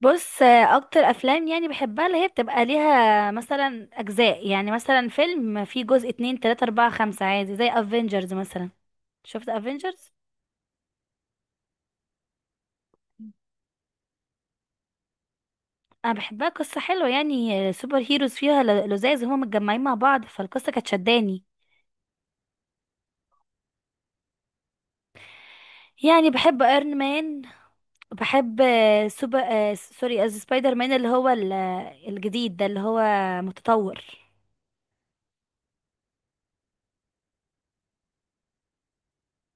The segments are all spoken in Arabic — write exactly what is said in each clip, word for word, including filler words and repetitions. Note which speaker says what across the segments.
Speaker 1: بص، آه، اكتر افلام يعني بحبها اللي هي بتبقى ليها مثلا اجزاء، يعني مثلا فيلم فيه جزء اتنين تلاتة اربعة خمسة عادي زي افنجرز مثلا. شفت افنجرز؟ انا بحبها، قصة حلوة يعني. آه، سوبر هيروز فيها ل- لزاز، هما متجمعين مع بعض، فالقصة كانت شداني. يعني بحب ايرون مان. بحب آه، سوبر آه، سوري، آه، سبايدر مان، اللي هو ال- آه، الجديد ده اللي هو متطور.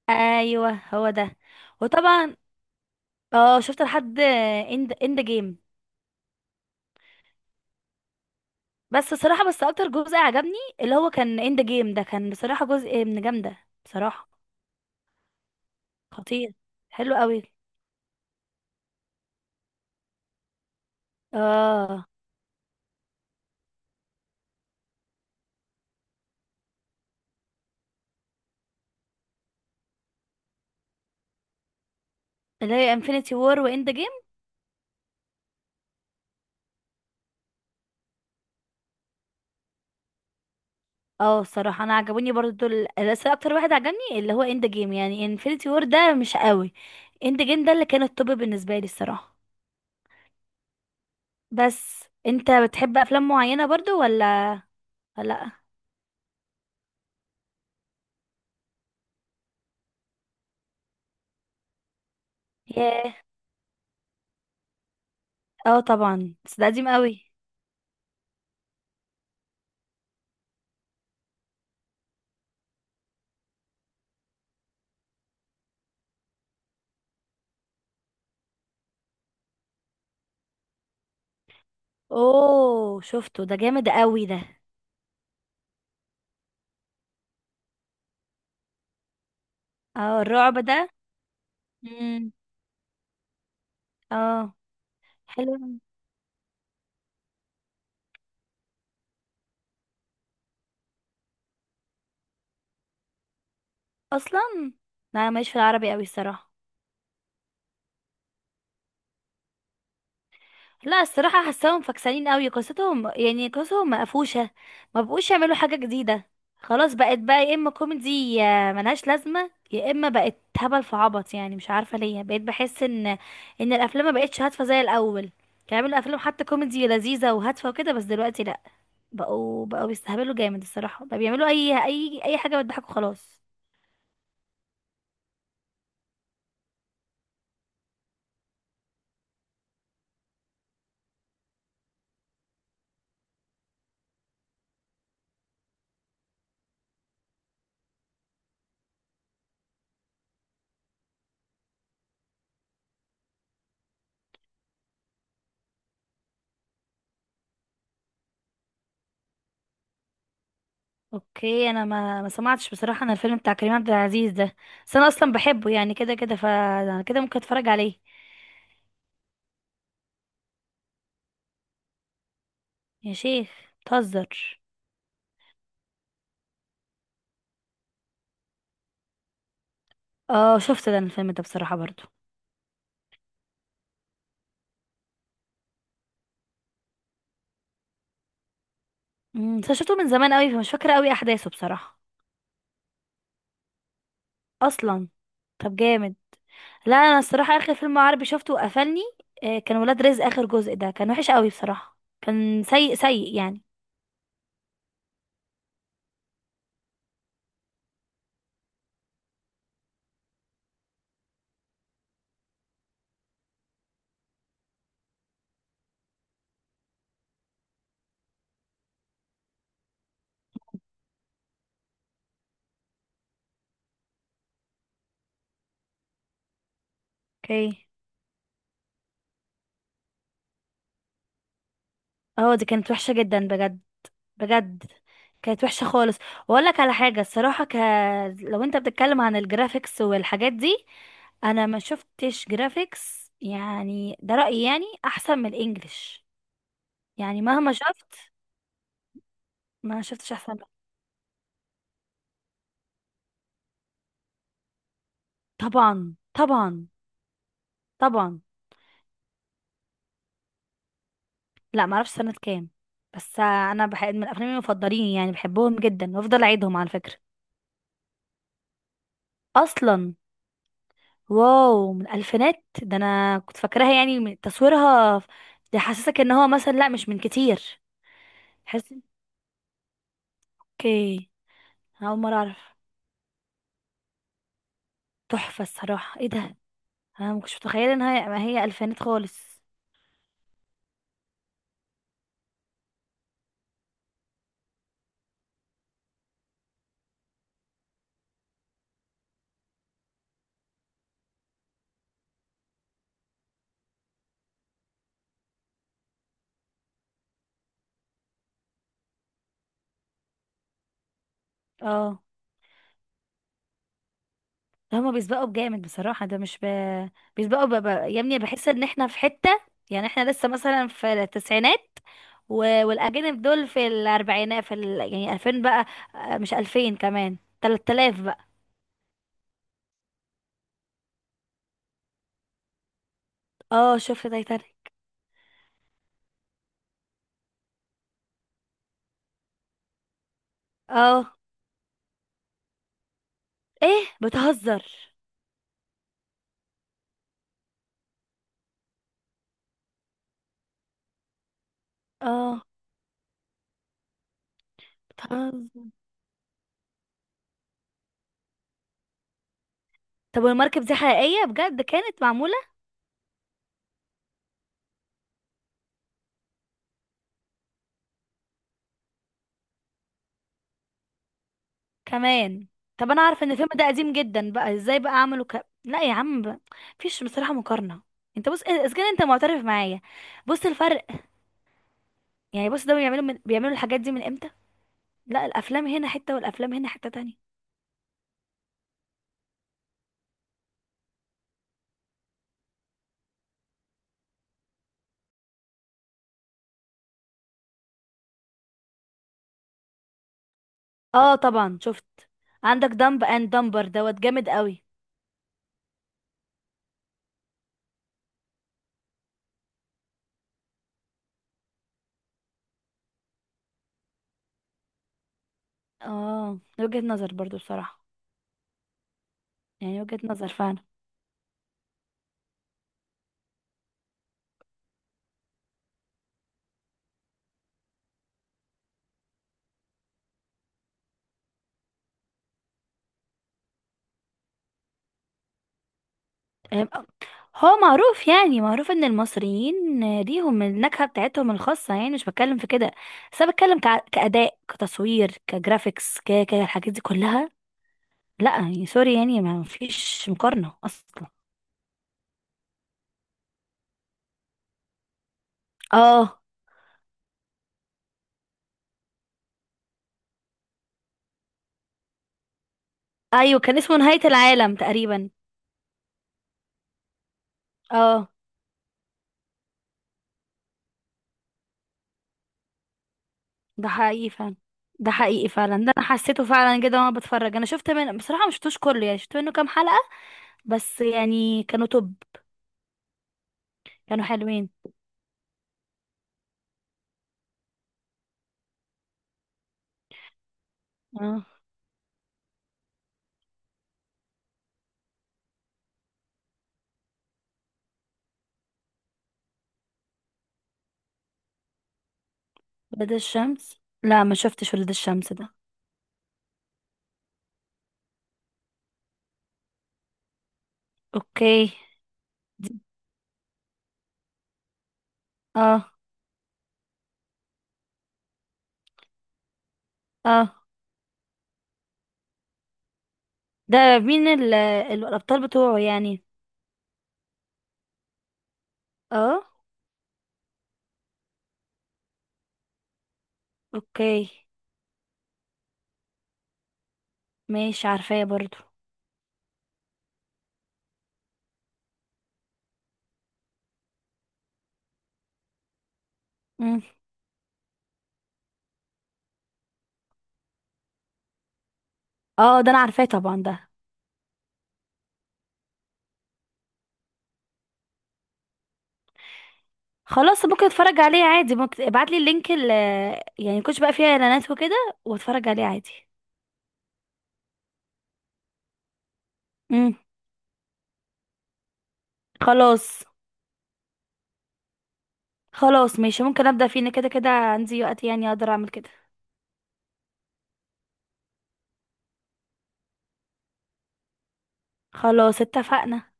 Speaker 1: ايوه، هو ده. وطبعا. اه، شفت لحد اند اند جيم. بس صراحة، بس اكتر جزء عجبني اللي هو كان اند جيم، ده كان بصراحة جزء من جامدة، بصراحة. خطير. حلو قوي. اه. اللي هي انفينيتي وور واند جيم. اه، الصراحة انا عجبوني برضو دول، بس اكتر واحد عجبني اللي هو اند جيم. يعني انفينيتي وور ده مش قوي. اند جيم ده اللي كان التوب بالنسبة لي الصراحة. بس انت بتحب افلام معينة برضو ولا؟ ولا لا. ياه. اه، طبعا، بس ده قديم قوي. اوه، شفته، ده جامد قوي ده. اه، الرعب. ده. اه. حلو. اصلا. انا ماليش في العربي قوي الصراحه. لا، الصراحه حاساهم فكسانين قوي، قصتهم يعني قصتهم مقفوشه. ما بقوش يعملوا حاجه جديده. خلاص، بقت بقى يا اما كوميدي يا ملهاش لازمه، يا اما بقت هبل في عبط. يعني مش عارفه ليه بقيت بحس ان ان الافلام ما بقتش هادفه زي الاول. كانوا بيعملوا افلام حتى كوميدي لذيذه وهادفه وكده، بس دلوقتي لا. بقوا بقوا بيستهبلوا جامد الصراحه، بقى بيعملوا اي اي اي حاجه بتضحكوا، خلاص. اوكي، انا ما ما سمعتش بصراحه عن الفيلم بتاع كريم عبد العزيز ده. بس انا اصلا بحبه، يعني كده كده فانا كده ممكن اتفرج عليه. يا شيخ. بتهزر؟ اه، شفت ده الفيلم ده بصراحه برضو. امم بس أنا شفته من زمان قوي، فمش فاكره قوي احداثه بصراحه. اصلا. طب، جامد. لا، انا الصراحه اخر فيلم عربي شفته وقفلني. آه، كان ولاد رزق، اخر جزء ده كان وحش قوي بصراحه، كان سيء سيء يعني. اوكي. اه، دي كانت وحشة جدا بجد. بجد. كانت وحشة خالص. واقول لك على حاجة الصراحة ك... لو انت بتتكلم عن الجرافيكس والحاجات دي، انا ما شفتش جرافيكس، يعني ده رأيي، يعني احسن من الانجليش. يعني مهما شفت، ما شفتش احسن من- طبعا، طبعا. طبعا. لا، ما اعرفش سنة كام. بس انا بحب من افلامي المفضلين، يعني بحبهم جدا وافضل اعيدهم على فكرة. اصلا؟ واو، من الفينات؟ ده انا كنت فاكراها يعني من تصويرها. ده حاسسك ان هو مثلا، لا، مش من كتير. حاسس. اوكي. أنا اول مره اعرف. تحفه الصراحه، ايه ده! انا ما كنتش متخيله ان هي ما هي الفينات خالص. اه. ده هما بيسبقوا بجامد بصراحه، ده مش ب... بيسبقوا ب... ب... يا ابني، بحس ان احنا في حته. يعني احنا لسه مثلا في التسعينات، و... والاجانب دول في الاربعينات، في ال... يعني الفين بقى. آه، مش الفين كمان، تلات آلاف بقى. اه، شفت تايتانيك. اه. ايه، بتهزر؟ اه. بتهزر؟ طب، والمركب دي حقيقية بجد كانت معمولة؟ كمان؟ طب، انا عارفة ان الفيلم ده قديم جدا، بقى ازاي بقى اعمله ك... لا يا عم ب... مفيش بصراحة مقارنة. انت بص إيه، اذا كان انت معترف معايا. بص الفرق. يعني بص، ده بيعملوا من... بيعملوا الحاجات دي من امتى. لا، الافلام هنا حتة والافلام هنا حتة تانية. اه، طبعا شفت. عندك دمب اند دمبر، دوت جامد قوي. اه، وجهة نظر برضو بصراحة. يعني وجهة نظر فعلا. هو معروف، يعني معروف ان المصريين ليهم النكهة بتاعتهم الخاصة، يعني مش بتكلم في كده. بس انا بتكلم كع- كأداء كتصوير كجرافيكس ك ك- الحاجات دي كلها. لا، يعني سوري، يعني ما فيش مقارنة اصلا. اه. ايوه، كان اسمه نهاية العالم تقريبا. اه. ده حقيقي فعلا. ده حقيقي فعلا، ده انا حسيته فعلا كده وانا بتفرج. انا شفت منه بصراحة، ما شفتوش كله يعني، شفت منه كام حلقة. بس يعني كانوا توب. كانوا حلوين. اه. ولاد الشمس؟ لا، ما شفتش ولاد الشمس ده. اوكي. اه. اه. ده مين ال- الابطال بتوعه يعني؟ اه. اوكي، ماشي، عارفاه برضو. مم. اه، ده انا عارفاه طبعا ده. خلاص، ممكن اتفرج عليه عادي، ممكن ابعت لي اللينك ال يعني كنتش بقى فيها اعلانات وكده، واتفرج عليه عادي. مم. خلاص. خلاص ماشي، ممكن ابدا فيه، إن كده كده عندي وقت، يعني اقدر اعمل كده. خلاص، اتفقنا.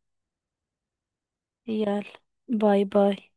Speaker 1: يلا، باي باي.